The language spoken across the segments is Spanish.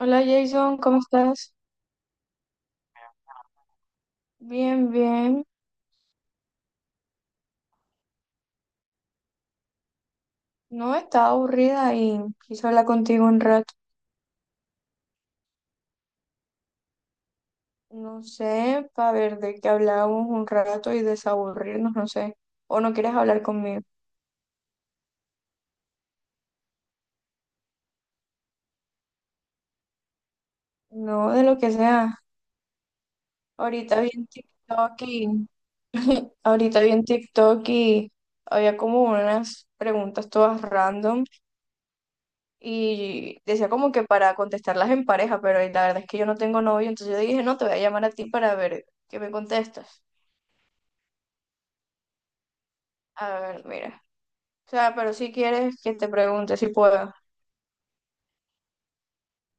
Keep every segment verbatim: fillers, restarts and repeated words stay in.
Hola, Jason, ¿cómo estás? Bien, bien. No, estaba aburrida y quise hablar contigo un rato. No sé, para ver de qué hablábamos un rato y desaburrirnos, no sé. ¿O no quieres hablar conmigo? No, de lo que sea. Ahorita vi en TikTok y... Ahorita vi en TikTok y había como unas preguntas todas random y decía como que para contestarlas en pareja, pero la verdad es que yo no tengo novio, entonces yo dije, no, te voy a llamar a ti para ver qué me contestas. A ver, mira. O sea, pero si quieres que te pregunte si puedo.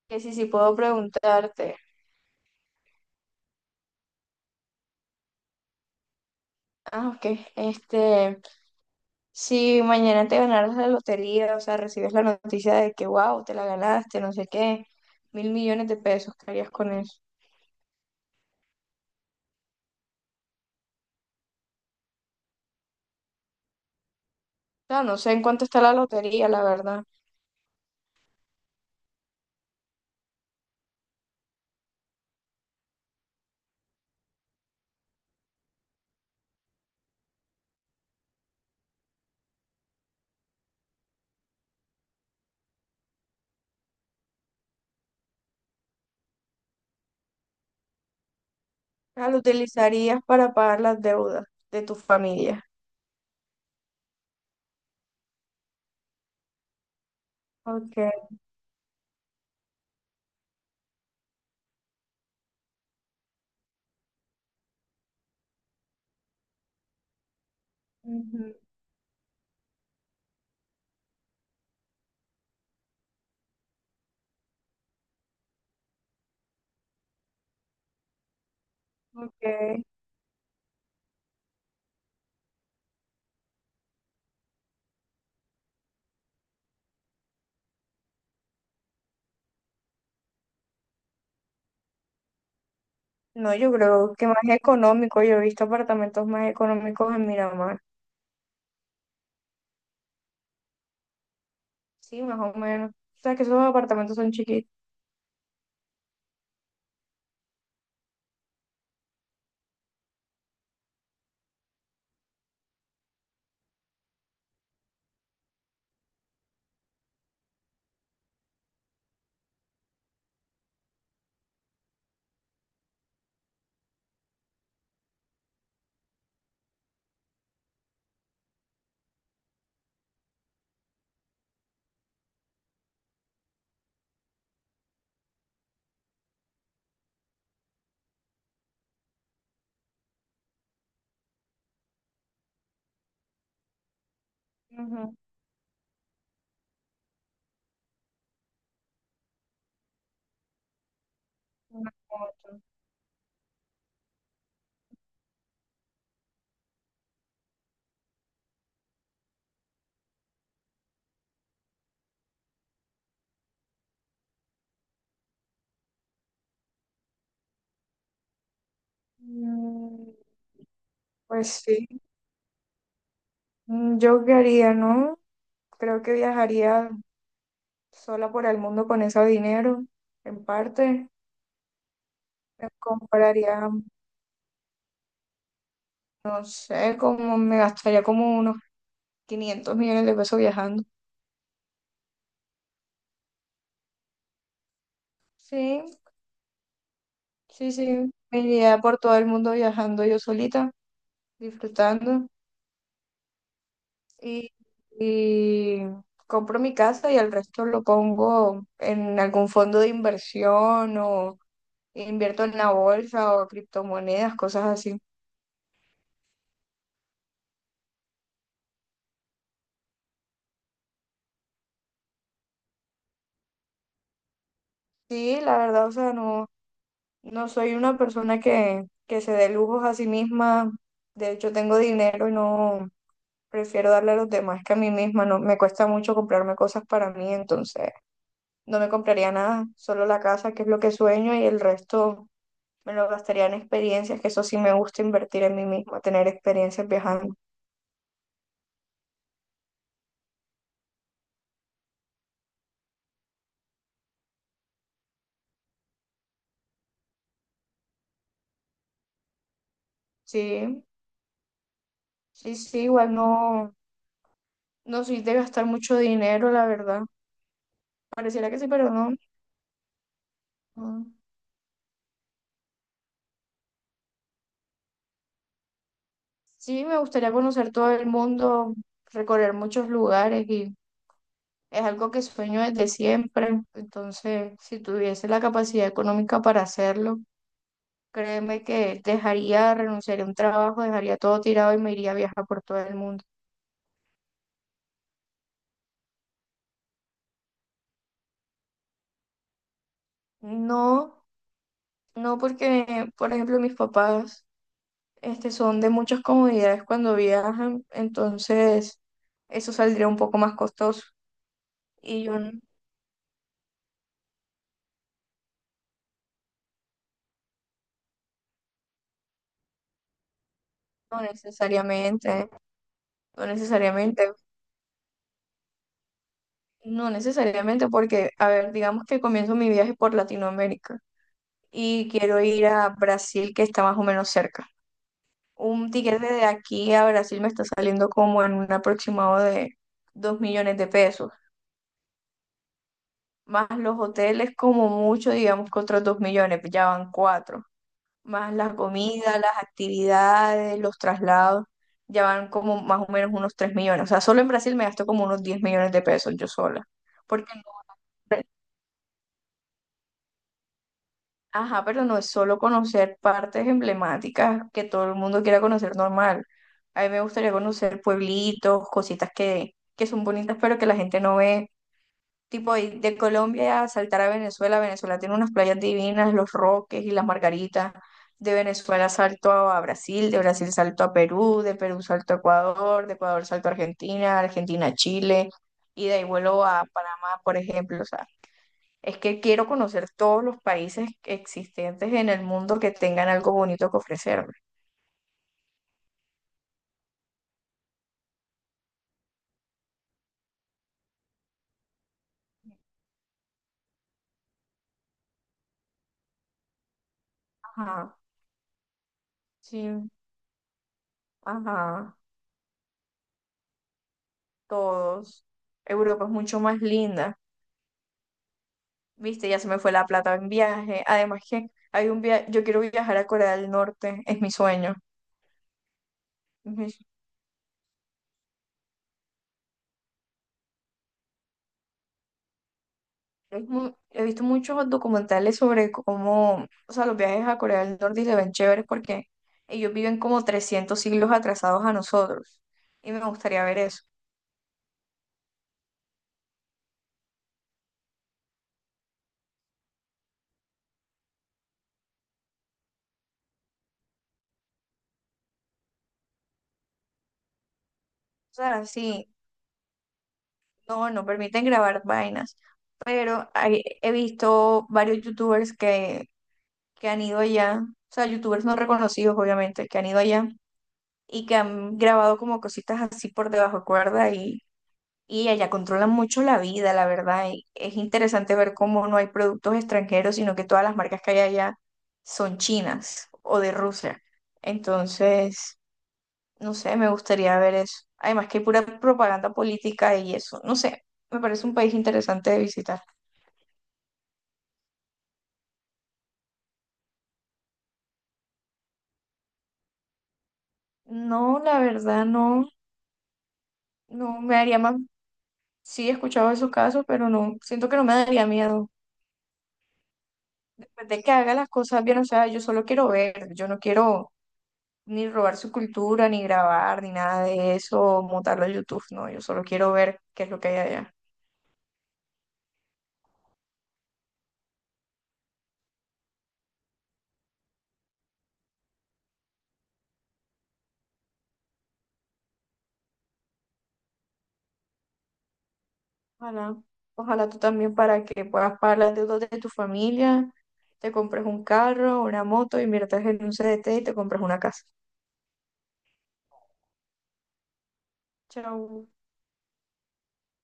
Que si, si puedo preguntarte. Ah, ok. Este, si mañana te ganaras la lotería, o sea, recibes la noticia de que, wow, te la ganaste, no sé qué, mil millones de pesos, ¿qué harías con eso? O sea, no sé en cuánto está la lotería, la verdad. O lo utilizarías para pagar las deudas de tu familia. Ok. Ujú, ok. No, yo creo que más económico. Yo he visto apartamentos más económicos en Miramar. Sí, más o menos. O sea, que esos apartamentos son chiquitos. Ujú, una moto. Mm, pues sí. Mm, yo qué haría, ¿no? Creo que viajaría sola por el mundo con ese dinero, en parte. Me compraría, no sé, como me gastaría como unos quinientos millones de pesos viajando. Sí, sí, sí, me iría por todo el mundo viajando yo solita, disfrutando. y, y compro mi casa y el resto lo pongo en algún fondo de inversión o invierto en la bolsa o criptomonedas, cosas así. Sí, la verdad, o sea, no, no soy una persona que, que se dé lujos a sí misma. De hecho, tengo dinero y no prefiero darle a los demás que a mí misma. No, me cuesta mucho comprarme cosas para mí, entonces no me compraría nada, solo la casa, que es lo que sueño, y el resto me lo gastaría en experiencias, que eso sí me gusta invertir en mí misma, tener experiencias viajando. Sí, sí, sí, igual no, no soy de gastar mucho dinero, la verdad. Pareciera que sí, pero no. No. Sí, me gustaría conocer todo el mundo, recorrer muchos lugares y es algo que sueño desde siempre. Entonces, si tuviese la capacidad económica para hacerlo, créeme que dejaría, renunciaría a un trabajo, dejaría todo tirado y me iría a viajar por todo el mundo. No. No porque, por ejemplo, mis papás, este, son de muchas comodidades cuando viajan, entonces eso saldría un poco más costoso. Y yo n- no necesariamente, no necesariamente, no necesariamente porque, a ver, digamos que comienzo mi viaje por Latinoamérica y quiero ir a Brasil, que está más o menos cerca. Un tiquete de aquí a Brasil me está saliendo como en un aproximado de dos millones de pesos. Más los hoteles como mucho, digamos que otros dos millones, pues ya van cuatro, más la comida, las actividades, los traslados, ya van como más o menos unos tres millones. O sea, solo en Brasil me gasto como unos diez millones de pesos yo sola. Porque, no- Ajá, pero no es solo conocer partes emblemáticas que todo el mundo quiera conocer normal. A mí me gustaría conocer pueblitos, cositas que, que son bonitas, pero que la gente no ve. Tipo, y de Colombia a saltar a Venezuela, Venezuela tiene unas playas divinas, los Roques y las Margaritas. De Venezuela salto a Brasil, de Brasil salto a Perú, de Perú salto a Ecuador, de Ecuador salto a Argentina, Argentina a Chile, y de ahí vuelo a Panamá, por ejemplo. O sea, es que quiero conocer todos los países existentes en el mundo que tengan algo bonito que ofrecerme. Ajá, sí, ajá, todos. Europa es mucho más linda. Viste, ya se me fue la plata en viaje. Además que hay un viaje, yo quiero viajar a Corea del Norte, es mi sueño. Es mi- es mu- He visto muchos documentales sobre cómo, o sea, los viajes a Corea del Norte y se ven chéveres porque ellos viven como trescientos siglos atrasados a nosotros. Y me gustaría ver eso. O sea, sí, no, no permiten grabar vainas. Pero hay- he visto varios youtubers que, que han ido allá, o sea, youtubers no reconocidos, obviamente, que han ido allá y que han grabado como cositas así por debajo de cuerda y, y allá controlan mucho la vida, la verdad. Y es interesante ver cómo no hay productos extranjeros, sino que todas las marcas que hay allá son chinas o de Rusia. Entonces, no sé, me gustaría ver eso. Además que hay pura propaganda política y eso. No sé, me parece un país interesante de visitar. No, la verdad, no, no me haría más. Sí, he escuchado esos casos, pero no, siento que no me daría miedo. Pues, de que haga las cosas bien, o sea, yo solo quiero ver, yo no quiero ni robar su cultura, ni grabar, ni nada de eso, montarlo a YouTube, no, yo solo quiero ver qué es lo que hay allá. Ojalá, ojalá tú también para que puedas pagar las deudas de tu familia, te compres un carro, una moto, inviertas en un C D T y te compres una casa. Chao.